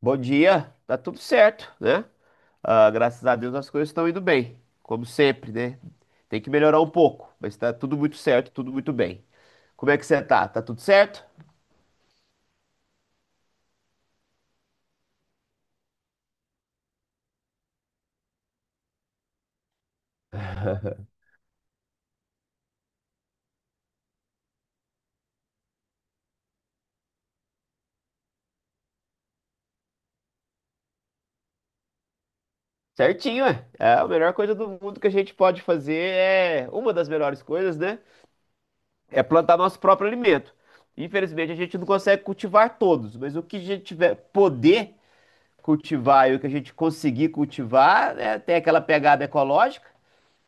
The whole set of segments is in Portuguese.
Bom dia, tá tudo certo, né? Ah, graças a Deus as coisas estão indo bem, como sempre, né? Tem que melhorar um pouco, mas tá tudo muito certo, tudo muito bem. Como é que você tá? Tá tudo certo? Certinho, é. É, a melhor coisa do mundo que a gente pode fazer é, uma das melhores coisas, né? É plantar nosso próprio alimento. Infelizmente a gente não consegue cultivar todos, mas o que a gente tiver poder cultivar e o que a gente conseguir cultivar, né, tem aquela pegada ecológica,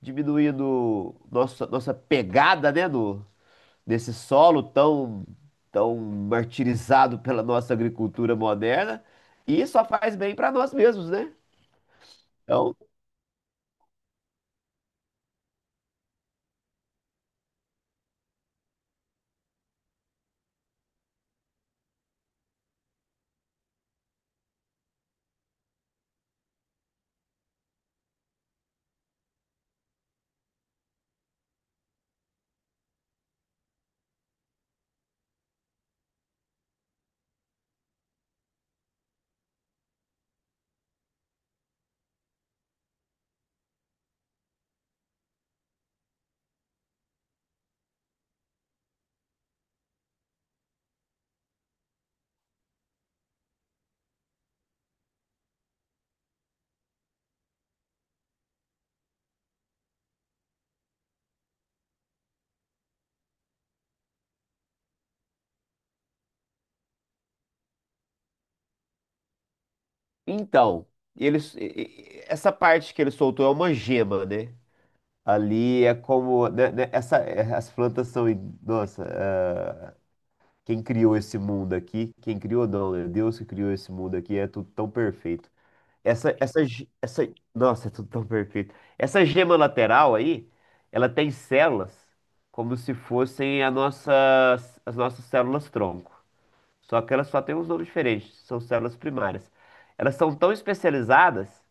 diminuindo nossa pegada, né, no nesse solo tão, tão martirizado pela nossa agricultura moderna, e só faz bem para nós mesmos, né? Então, então eles, e- Essa parte que ele soltou é uma gema, né? Ali é como, essa, as plantas são, nossa, quem criou esse mundo aqui, quem criou não, né? Deus que criou esse mundo aqui é tudo tão perfeito. Essa, essa, ge- essa, nossa, é tudo tão perfeito. Essa gema lateral aí, ela tem células como se fossem a nossas, as nossas células tronco. Só que elas só têm uns nomes diferentes, são células primárias. Elas são tão especializadas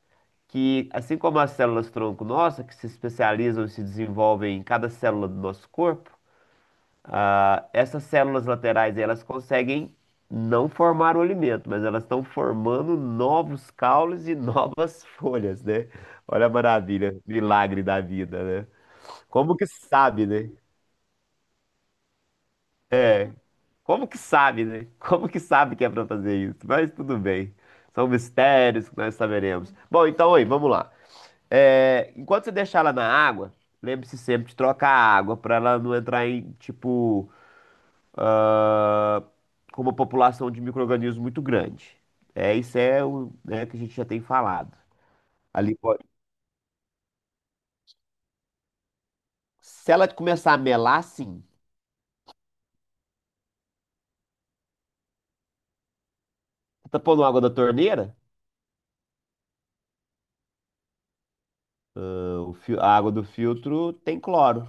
que, assim como as células tronco nossa, que se especializam e se desenvolvem em cada célula do nosso corpo, essas células laterais, elas conseguem não formar o alimento, mas elas estão formando novos caules e novas folhas, né? Olha a maravilha, milagre da vida, né? Como que sabe, né? Como que sabe, né? Como que sabe que é para fazer isso? Mas tudo bem. São mistérios que nós saberemos. Bom, então aí, vamos lá. É, enquanto você deixar ela na água, lembre-se sempre de trocar a água para ela não entrar em, tipo, ah, com uma população de micro-organismos muito grande. É, isso é o, né, que a gente já tem falado. Ali pode- Se ela começar a melar, sim. Você tá pondo água da torneira? A água do filtro tem cloro.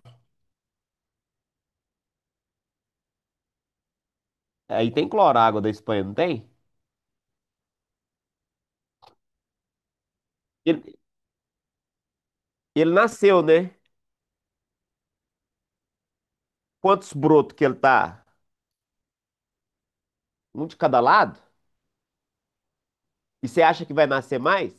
Aí tem cloro, a água da Espanha, não tem? Ele, ele nasceu, né? Quantos brotos que ele tá? Um de cada lado? E você acha que vai nascer mais?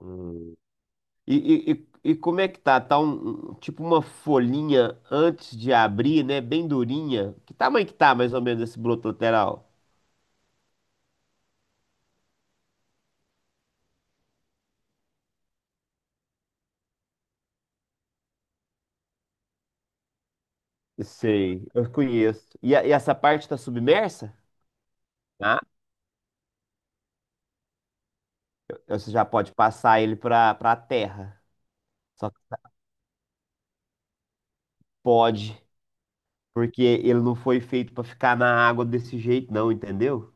Hum. Como é que tá? Tá tipo uma folhinha antes de abrir, né? Bem durinha. Que tamanho que tá mais ou menos esse broto lateral? Sei, eu conheço. E, e essa parte tá submersa? Ah. Você já pode passar ele pra terra. Só que tá, pode, porque ele não foi feito pra ficar na água desse jeito, não, entendeu?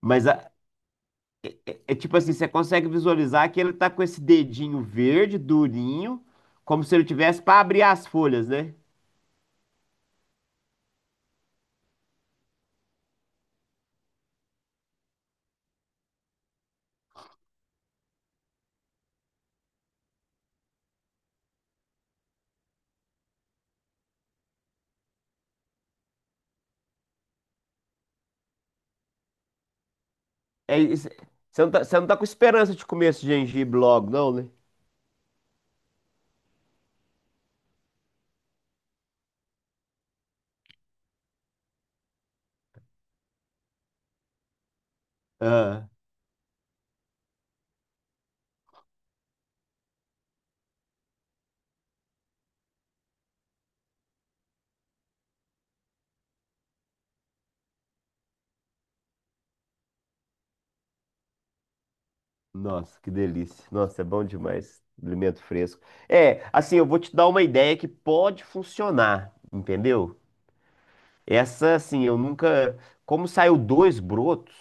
Mas a- é, é tipo assim, você consegue visualizar que ele tá com esse dedinho verde, durinho, como se ele tivesse pra abrir as folhas, né? É isso. É, você não tá, você não tá com esperança de comer esse gengibre logo, não, né? Ah, nossa, que delícia. Nossa, é bom demais. Alimento fresco. É, assim, eu vou te dar uma ideia que pode funcionar, entendeu? Essa, assim, eu nunca. Como saiu dois brotos,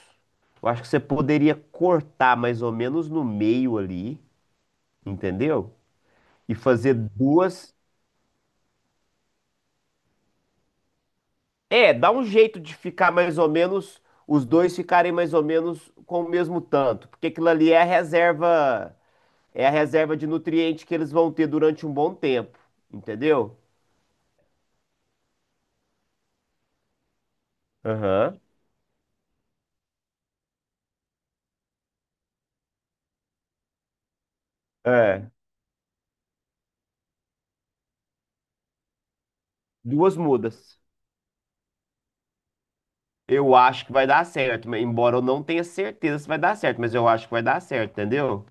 eu acho que você poderia cortar mais ou menos no meio ali, entendeu? E fazer duas. É, dá um jeito de ficar mais ou menos, os dois ficarem mais ou menos com o mesmo tanto, porque aquilo ali é a reserva de nutriente que eles vão ter durante um bom tempo, entendeu? Aham. É, duas mudas. Eu acho que vai dar certo, mas embora eu não tenha certeza se vai dar certo, mas eu acho que vai dar certo, entendeu?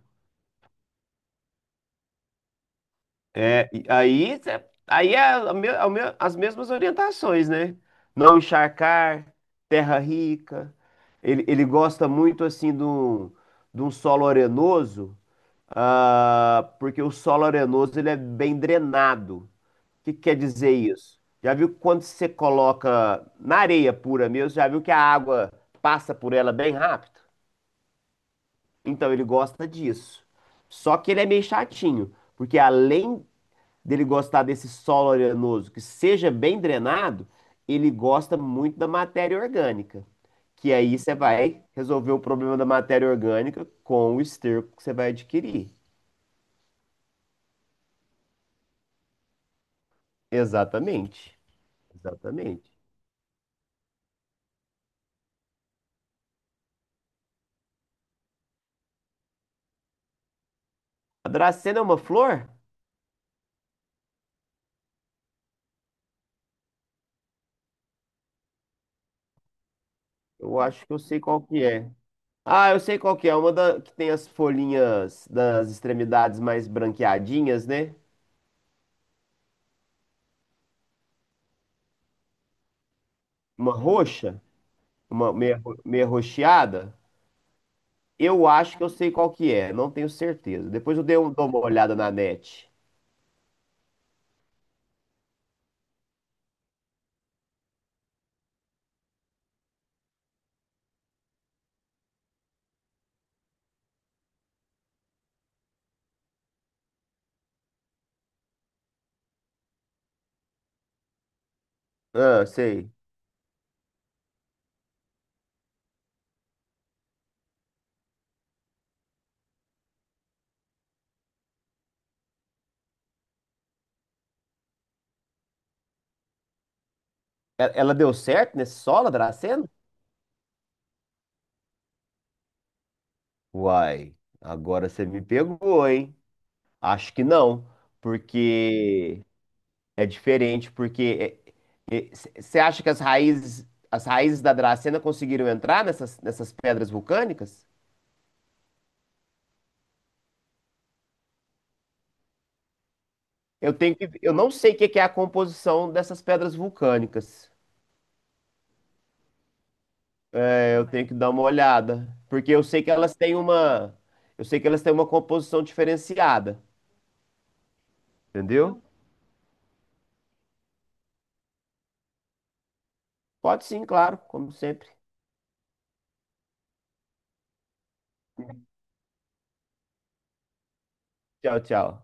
É, e aí, as mesmas orientações, né? Não encharcar, terra rica. Ele gosta muito assim de um solo arenoso, ah, porque o solo arenoso ele é bem drenado. O que que quer dizer isso? Já viu quando você coloca na areia pura mesmo, já viu que a água passa por ela bem rápido? Então ele gosta disso. Só que ele é meio chatinho, porque além dele gostar desse solo arenoso que seja bem drenado, ele gosta muito da matéria orgânica. Que aí você vai resolver o problema da matéria orgânica com o esterco que você vai adquirir. Exatamente. Exatamente. A dracena é uma flor? Eu acho que eu sei qual que é. Ah, eu sei qual que é. Uma da, que tem as folhinhas das extremidades mais branqueadinhas, né? Uma roxa, uma meia roxeada. Eu acho que eu sei qual que é, não tenho certeza. Depois eu dou uma olhada na net. Ah, sei. E ela deu certo nesse solo, a dracena? Uai, agora você me pegou, hein? Acho que não, porque é diferente, porque é, é, você acha que as raízes da dracena conseguiram entrar nessas pedras vulcânicas? Eu tenho que, eu não sei o que que é a composição dessas pedras vulcânicas. Eu tenho que dar uma olhada, porque eu sei que elas têm uma, eu sei que elas têm uma composição diferenciada, entendeu? Pode sim, claro, como sempre. Tchau, tchau.